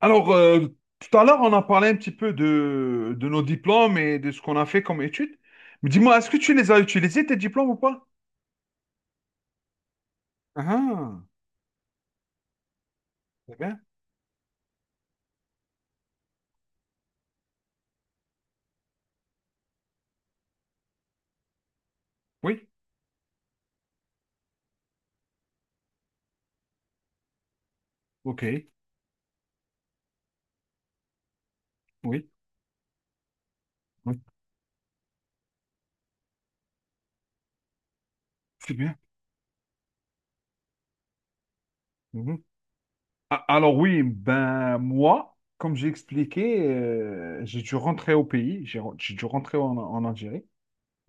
Alors, tout à l'heure, on a parlé un petit peu de nos diplômes et de ce qu'on a fait comme études. Mais dis-moi, est-ce que tu les as utilisés, tes diplômes ou pas? Ah, c'est bien. Oui, ok, oui, oui, c'est bien. Mhm. Alors oui, ben moi, comme j'ai expliqué, j'ai dû rentrer au pays, j'ai dû rentrer en Algérie,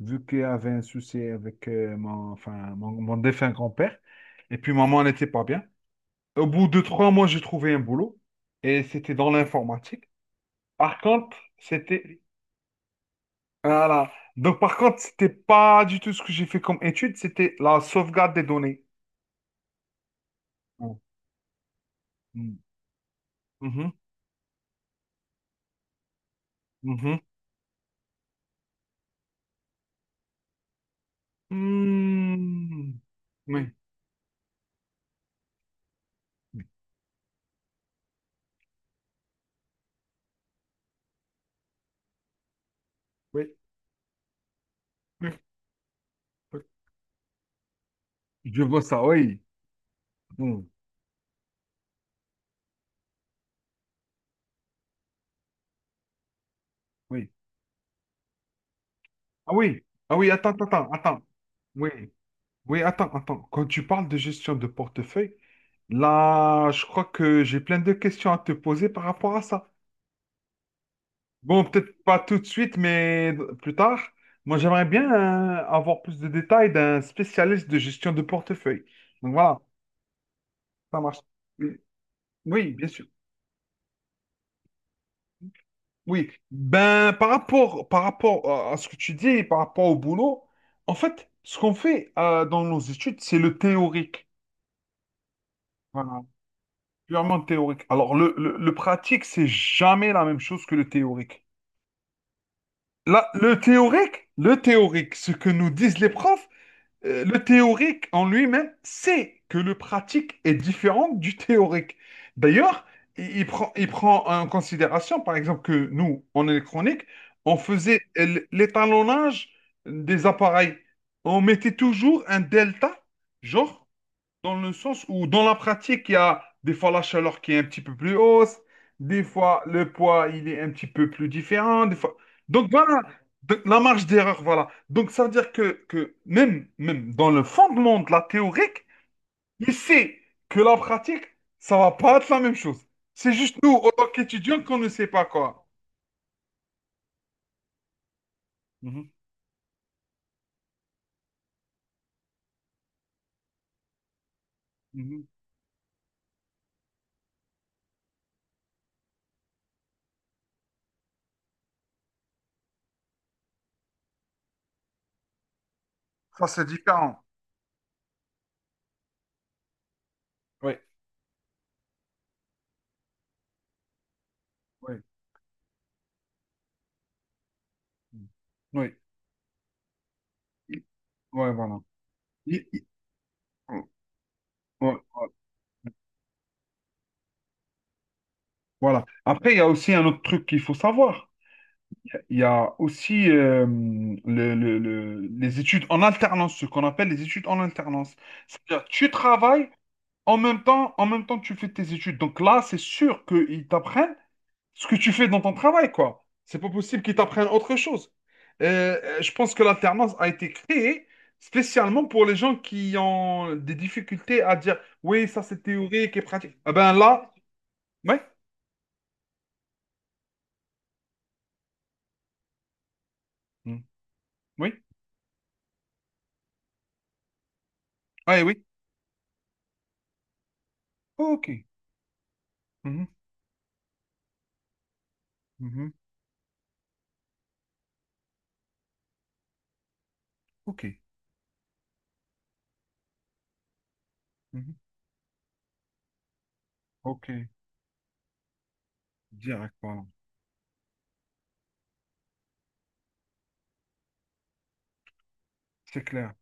vu qu'il y avait un souci avec mon, enfin, mon défunt grand-père. Et puis maman n'était pas bien. Au bout de 3 mois, j'ai trouvé un boulot et c'était dans l'informatique. Par contre, c'était... Voilà. Donc, par contre, c'était pas du tout ce que j'ai fait comme étude, c'était la sauvegarde des données. Oh. Mm. Mhm. Mhm. Mm. Oui. Oui. Oui. Oui. Oui. Je vois ça, oui. Mm. Oui. Ah oui. Ah oui, attends, attends, attends. Attends. Oui. Oui, attends, attends. Quand tu parles de gestion de portefeuille, là, je crois que j'ai plein de questions à te poser par rapport à ça. Bon, peut-être pas tout de suite, mais plus tard. Moi, j'aimerais bien avoir plus de détails d'un spécialiste de gestion de portefeuille. Donc voilà, ça marche. Oui, oui, bien sûr. Oui. Ben, par rapport à ce que tu dis, par rapport au boulot, en fait, ce qu'on fait dans nos études, c'est le théorique. Voilà, purement théorique. Alors, le pratique, c'est jamais la même chose que le théorique. Là, le théorique, ce que nous disent les profs, le théorique en lui-même sait que le pratique est différent du théorique. D'ailleurs, il prend en considération, par exemple, que nous, en électronique, on faisait l'étalonnage des appareils. On mettait toujours un delta, genre dans le sens où, dans la pratique, il y a des fois la chaleur qui est un petit peu plus hausse, des fois le poids, il est un petit peu plus différent, des fois... Donc voilà, donc, la marge d'erreur, voilà. Donc ça veut dire que même dans le fondement de la théorique, il sait que la pratique, ça va pas être la même chose. C'est juste nous, en tant qu'étudiants, qu'on ne sait pas quoi. Mhm, mhm. Ça, c'est différent. Oui, oui, oui. Oui, voilà. Il- il- ouais. Ouais. Voilà. Après, il y a aussi un autre truc qu'il faut savoir. Il y a aussi les études en alternance, ce qu'on appelle les études en alternance. C'est-à-dire, tu travailles en même temps, tu fais tes études. Donc là, c'est sûr qu'ils t'apprennent ce que tu fais dans ton travail, quoi. C'est pas possible qu'ils t'apprennent autre chose. Je pense que l'alternance a été créée spécialement pour les gens qui ont des difficultés à dire, oui, ça c'est théorique et pratique. Ah ben là, ouais, mm, oui, ouais, oui. Ok. Mhm, mhm, ok. Mhm, ok. Direct, voilà. C'est clair,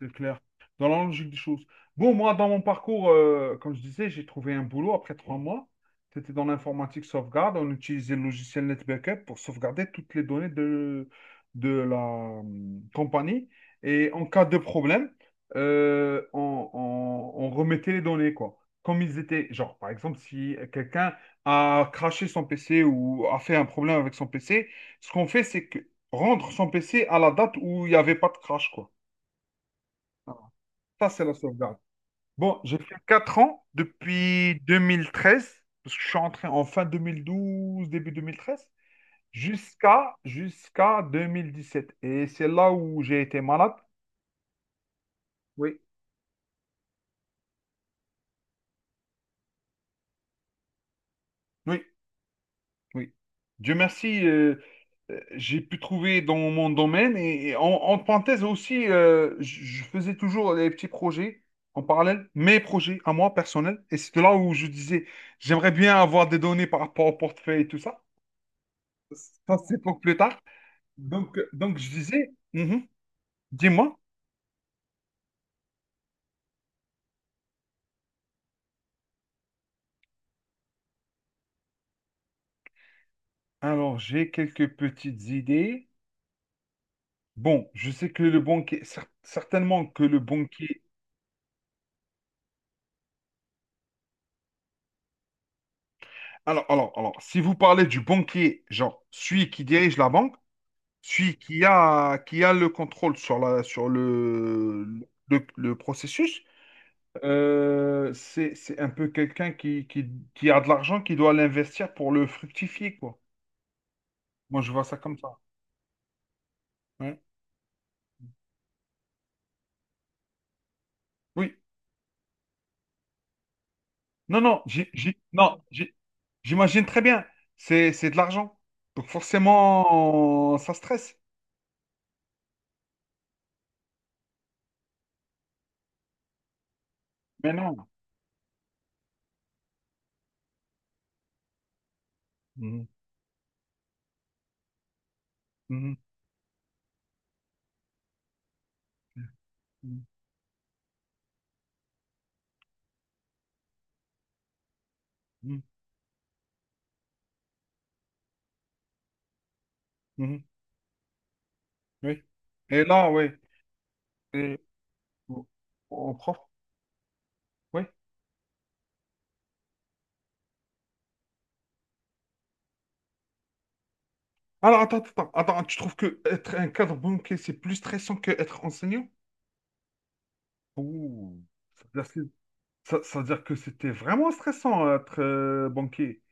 c'est clair. Dans la logique des choses. Bon, moi, dans mon parcours, comme je disais, j'ai trouvé un boulot après 3 mois. C'était dans l'informatique sauvegarde. On utilisait le logiciel NetBackup pour sauvegarder toutes les données de la compagnie. Et en cas de problème, on remettait les données, quoi. Comme ils étaient, genre, par exemple, si quelqu'un a crashé son PC ou a fait un problème avec son PC, ce qu'on fait, c'est que rendre son PC à la date où il n'y avait pas de crash, quoi. Ça, c'est la sauvegarde. Bon, j'ai fait 4 ans depuis 2013, parce que je suis entré en fin 2012, début 2013, jusqu'à 2017. Et c'est là où j'ai été malade. Oui, oui, oui. Dieu merci, j'ai pu trouver dans mon domaine. Et en parenthèse aussi, je faisais toujours des petits projets en parallèle, mes projets à moi personnels. Et c'est de là où je disais, j'aimerais bien avoir des données par rapport au portefeuille et tout ça. Ça, c'est pour plus tard. Donc je disais, dis-moi. Alors, j'ai quelques petites idées. Bon, je sais que le banquier, certainement que le banquier. Alors, si vous parlez du banquier, genre celui qui dirige la banque, celui qui a le contrôle sur la, sur le, le processus, c'est un peu quelqu'un qui, a de l'argent, qui doit l'investir pour le fructifier, quoi. Moi, je vois ça comme ça. Ouais. Oui. Non, non, j'imagine très bien. C'est de l'argent. Donc forcément, ça stresse. Mais non. Mhm, mhm, mhm, mhm, mhm. Oui. Et là, oui. Et au au prof, oui. Alors, attends, attends, attends. Tu trouves que être un cadre banquier, c'est plus stressant que être enseignant? Ouh. Ça veut dire que ça veut dire que c'était vraiment stressant être banquier.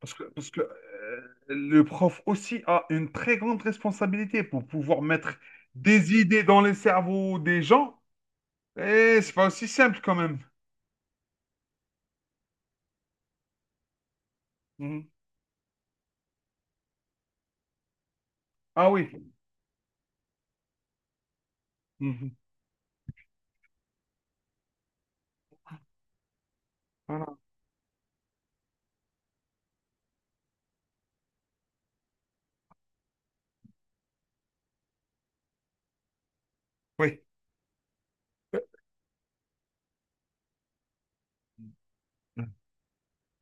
Parce que le prof aussi a une très grande responsabilité pour pouvoir mettre des idées dans les cerveaux des gens. Et c'est pas aussi simple quand même. Mhm. Ah oui. Mhm. Voilà. Oui. Euh,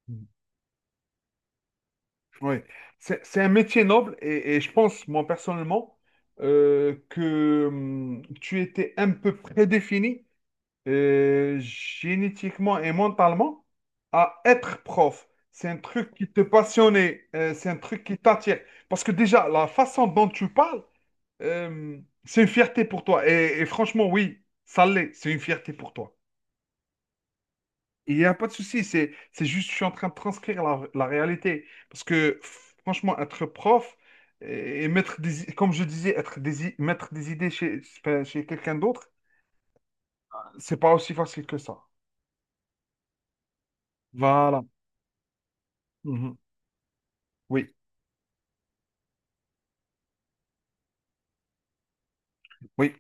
mhm. Oui. C'est un métier noble et je pense, moi personnellement, que tu étais un peu prédéfini génétiquement et mentalement à être prof. C'est un truc qui te passionnait, c'est un truc qui t'attire. Parce que déjà, la façon dont tu parles, euh, c'est une fierté pour toi. Et franchement, oui, ça l'est, c'est une fierté pour toi. Il n'y a pas de souci, c'est juste, je suis en train de transcrire la réalité. Parce que franchement, être prof et mettre comme je disais, mettre des idées chez quelqu'un d'autre, c'est pas aussi facile que ça. Voilà. Mhm. Oui. Oui,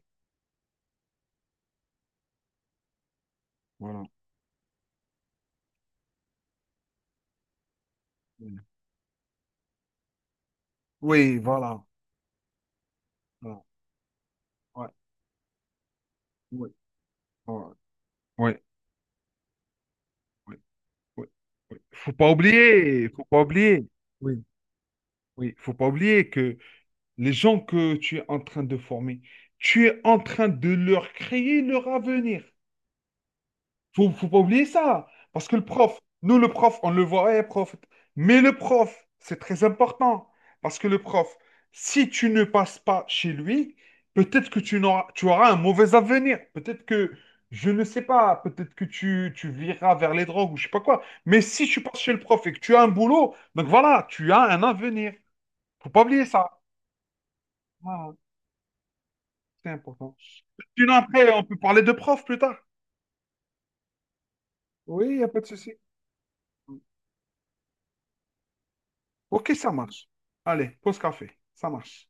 voilà. Oui, voilà. Voilà. Ouais, oui, voilà. Ouais, ouais, ouais, ouais. Faut pas oublier, faut pas oublier. Oui, oui, faut pas oublier que les gens que tu es en train de former, tu es en train de leur créer leur avenir. Faut pas oublier ça. Parce que le prof, nous, le prof, on le voit, eh, prof. Mais le prof, c'est très important. Parce que le prof, si tu ne passes pas chez lui, peut-être que tu n'auras, tu auras un mauvais avenir. Peut-être que, je ne sais pas, peut-être que tu viras vers les drogues ou je sais pas quoi. Mais si tu passes chez le prof et que tu as un boulot, donc voilà, tu as un avenir. Faut pas oublier ça. Voilà, c'est important. Sinon, après, on peut parler de prof plus tard. Oui, il n'y a pas de souci. Ok, ça marche. Allez, pause café. Ça marche.